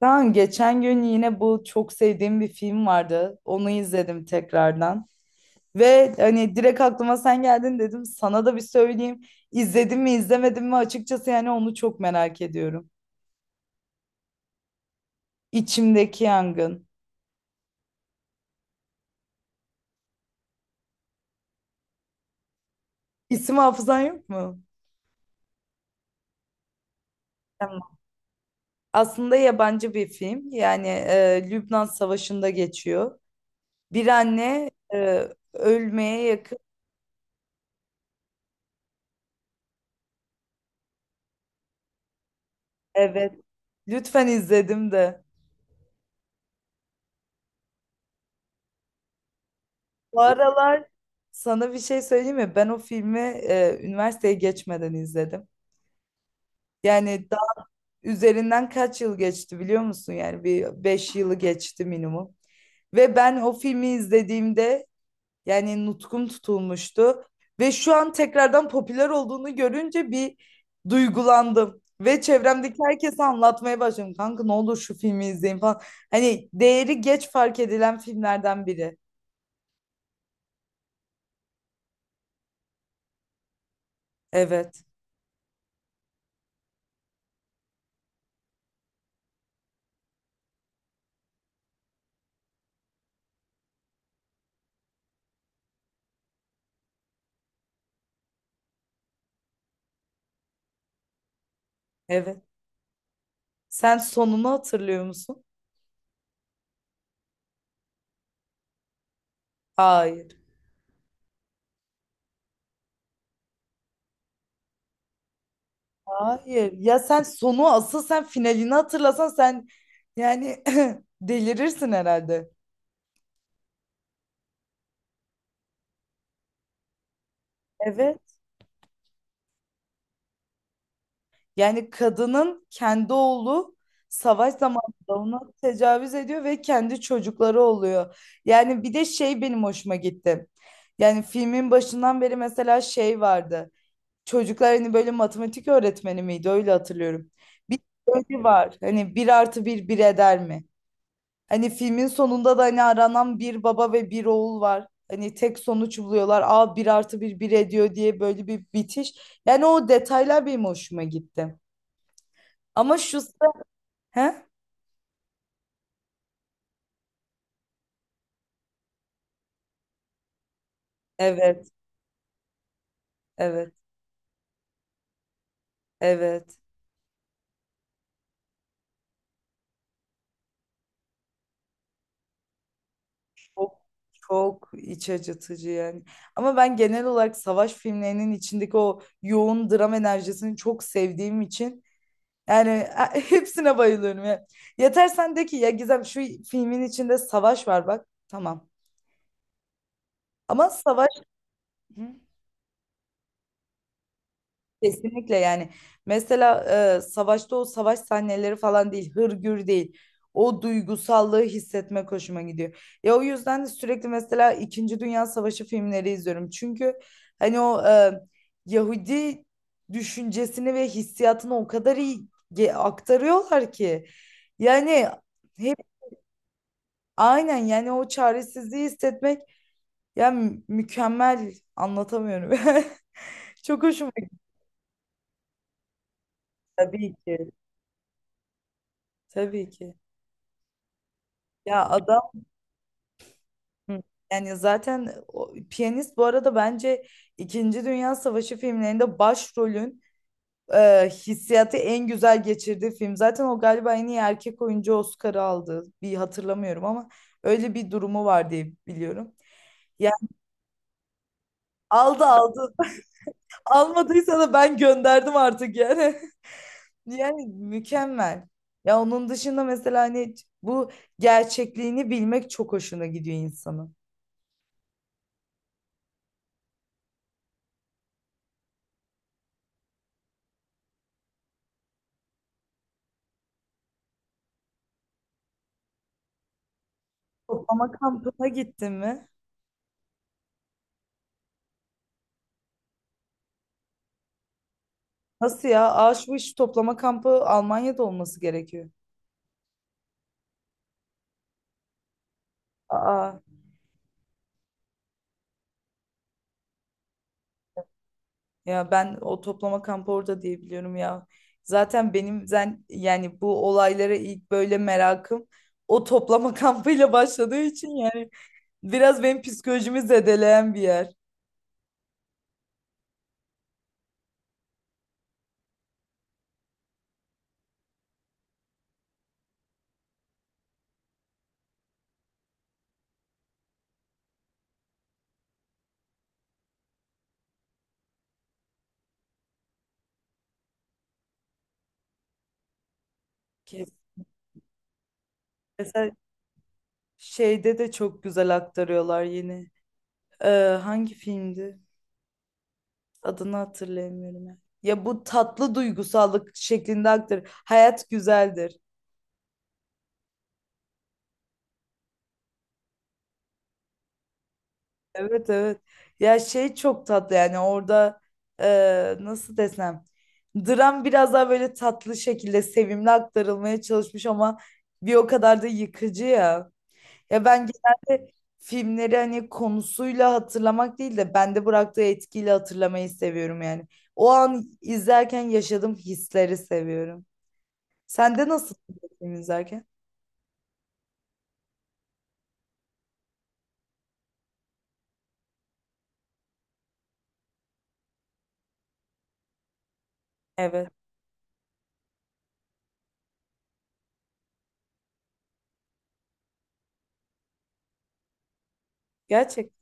Ben geçen gün yine bu çok sevdiğim bir film vardı. Onu izledim tekrardan. Ve hani direkt aklıma sen geldin dedim. Sana da bir söyleyeyim. İzledim mi izlemedim mi açıkçası yani onu çok merak ediyorum. İçimdeki Yangın. İsim hafızan yok mu? Tamam. Aslında yabancı bir film. Yani Lübnan Savaşı'nda geçiyor. Bir anne ölmeye yakın. Evet. Lütfen izledim de. Bu aralar sana bir şey söyleyeyim mi? Ben o filmi üniversiteye geçmeden izledim. Yani daha üzerinden kaç yıl geçti biliyor musun? Yani bir 5 yılı geçti minimum. Ve ben o filmi izlediğimde yani nutkum tutulmuştu. Ve şu an tekrardan popüler olduğunu görünce bir duygulandım. Ve çevremdeki herkese anlatmaya başladım. Kanka ne olur şu filmi izleyin falan. Hani değeri geç fark edilen filmlerden biri. Evet, evet. Sen sonunu hatırlıyor musun? Hayır. Hayır. Ya sen sonu, asıl sen finalini hatırlasan, sen yani delirirsin herhalde. Evet. Yani kadının kendi oğlu savaş zamanında ona tecavüz ediyor ve kendi çocukları oluyor. Yani bir de şey benim hoşuma gitti. Yani filmin başından beri mesela şey vardı. Çocuklar hani böyle matematik öğretmeni miydi? Öyle hatırlıyorum. Bir soru var. Hani bir artı bir bir eder mi? Hani filmin sonunda da hani aranan bir baba ve bir oğul var. Hani tek sonuç buluyorlar. Aa, bir artı bir bir ediyor diye böyle bir bitiş. Yani o detaylar benim hoşuma gitti. Ama şu... sıra... He? Evet, evet, evet. Çok, çok iç acıtıcı yani. Ama ben genel olarak savaş filmlerinin içindeki o yoğun dram enerjisini çok sevdiğim için yani hepsine bayılıyorum ya. Yeter sen de ki, ya Gizem, şu filmin içinde savaş var bak. Tamam. Ama savaş. Hı. Kesinlikle yani, mesela savaşta o savaş sahneleri falan değil, hırgür değil, o duygusallığı hissetmek hoşuma gidiyor. Ya o yüzden de sürekli mesela İkinci Dünya Savaşı filmleri izliyorum, çünkü hani o Yahudi düşüncesini ve hissiyatını o kadar iyi aktarıyorlar ki yani, hep aynen yani, o çaresizliği hissetmek yani. Mükemmel anlatamıyorum. Çok hoşuma gitti, tabii ki, tabii ki. Ya adam. Hı. Yani zaten piyanist bu arada bence İkinci Dünya Savaşı filmlerinde başrolün hissiyatı en güzel geçirdiği film. Zaten o galiba en iyi erkek oyuncu Oscar'ı aldı. Bir hatırlamıyorum ama öyle bir durumu var diye biliyorum. Yani aldı aldı. Almadıysa da ben gönderdim artık yani. Yani mükemmel. Ya onun dışında mesela hani bu gerçekliğini bilmek çok hoşuna gidiyor insanın. Toplama kampına gittin mi? Nasıl ya? Aa, şu iş, toplama kampı Almanya'da olması gerekiyor. Aa, ya ben o toplama kampı orada diye biliyorum ya. Zaten benim yani bu olaylara ilk böyle merakım o toplama kampıyla başladığı için yani biraz benim psikolojimi zedeleyen bir yer. Kesin. Şeyde de çok güzel aktarıyorlar yine. Ee, Hangi filmdi? Adını hatırlayamıyorum ya. Ya bu tatlı duygusallık şeklinde aktar. Hayat güzeldir. Evet, evet. Ya şey çok tatlı yani orada, nasıl desem. Dram biraz daha böyle tatlı şekilde, sevimli aktarılmaya çalışmış ama bir o kadar da yıkıcı ya. Ya ben genelde filmleri hani konusuyla hatırlamak değil de bende bıraktığı etkiyle hatırlamayı seviyorum yani. O an izlerken yaşadığım hisleri seviyorum. Sende nasıl oluyor film izlerken? Evet. Gerçek.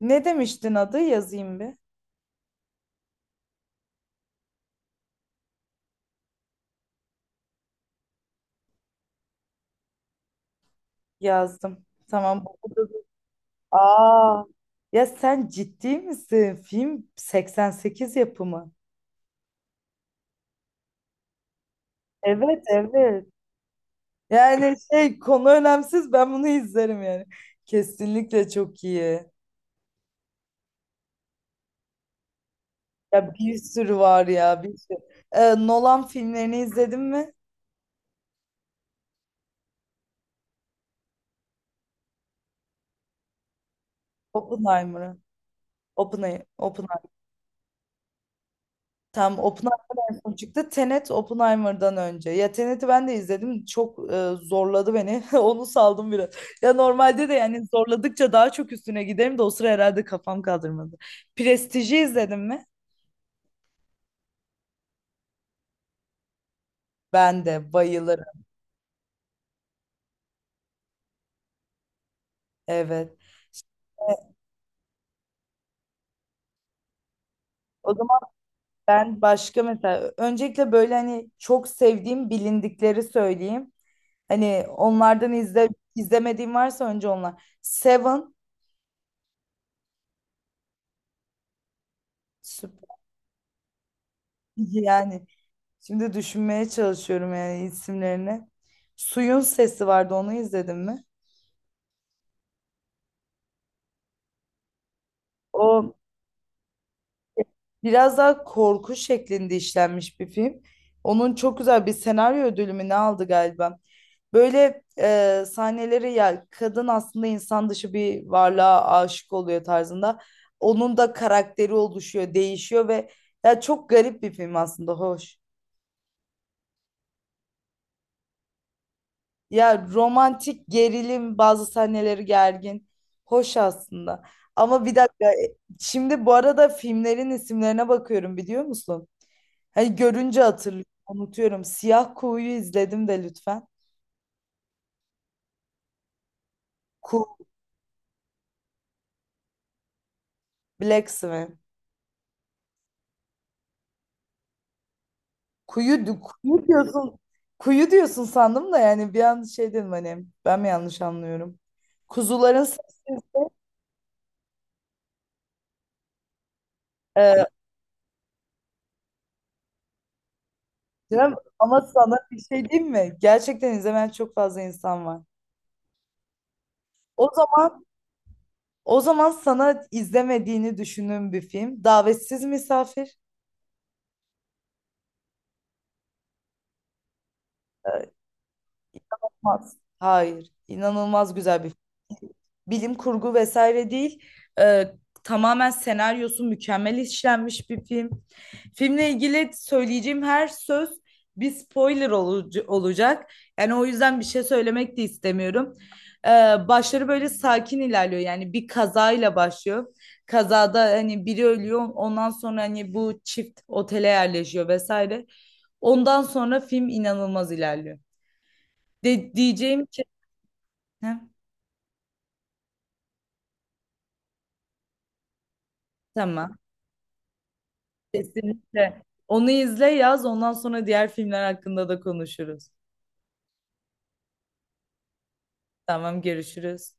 Ne demiştin adı? Yazayım bir. Yazdım. Tamam. Bu da-. Aa. Ya sen ciddi misin? Film 88 yapımı. Evet, evet. Yani şey, konu önemsiz, ben bunu izlerim yani. Kesinlikle çok iyi. Ya bir sürü var ya, bir sürü. Nolan filmlerini izledin mi? Oppenheimer'ı. Oppenheimer. Oppenheimer. Tam Oppenheimer en son çıktı. Tenet Oppenheimer'dan önce. Ya Tenet'i ben de izledim. Çok zorladı beni. Onu saldım biraz. Ya normalde de yani zorladıkça daha çok üstüne giderim de o sıra herhalde kafam kaldırmadı. Prestij'i izledin mi? Ben de bayılırım. Evet. O zaman ben başka mesela, öncelikle böyle hani çok sevdiğim bilindikleri söyleyeyim. Hani onlardan izlemediğim varsa önce onlar. Seven süper yani. Şimdi düşünmeye çalışıyorum yani isimlerini. Suyun Sesi vardı, onu izledin mi? O biraz daha korku şeklinde işlenmiş bir film. Onun çok güzel bir senaryo ödülü mü ne aldı galiba. Böyle sahneleri, ya kadın aslında insan dışı bir varlığa aşık oluyor tarzında. Onun da karakteri oluşuyor, değişiyor ve ya çok garip bir film aslında, hoş. Ya, romantik gerilim, bazı sahneleri gergin. Hoş aslında. Ama bir dakika, şimdi bu arada filmlerin isimlerine bakıyorum biliyor musun? Hani görünce hatırlıyorum, unutuyorum. Siyah Kuğu'yu izledim de lütfen. Ku Black Swan. Kuyu, kuyu diyorsun. Kuyu diyorsun sandım da yani bir an şey dedim, hani ben mi yanlış anlıyorum? Kuzuların sesi. e, Cem, ama sana bir şey diyeyim mi? Gerçekten izlemeyen çok fazla insan var. O zaman O zaman sana izlemediğini düşündüğüm bir film. Davetsiz Misafir. Olmaz. Hayır. İnanılmaz güzel bir bilim kurgu vesaire değil. Ee, Tamamen senaryosu mükemmel işlenmiş bir film. Filmle ilgili söyleyeceğim her söz bir spoiler olacak. Yani o yüzden bir şey söylemek de istemiyorum. Ee, Başları böyle sakin ilerliyor. Yani bir kazayla başlıyor. Kazada hani biri ölüyor. Ondan sonra hani bu çift otele yerleşiyor vesaire. Ondan sonra film inanılmaz ilerliyor. De diyeceğim ki. Heh, tamam. Kesinlikle. Onu izle, yaz. Ondan sonra diğer filmler hakkında da konuşuruz. Tamam, görüşürüz.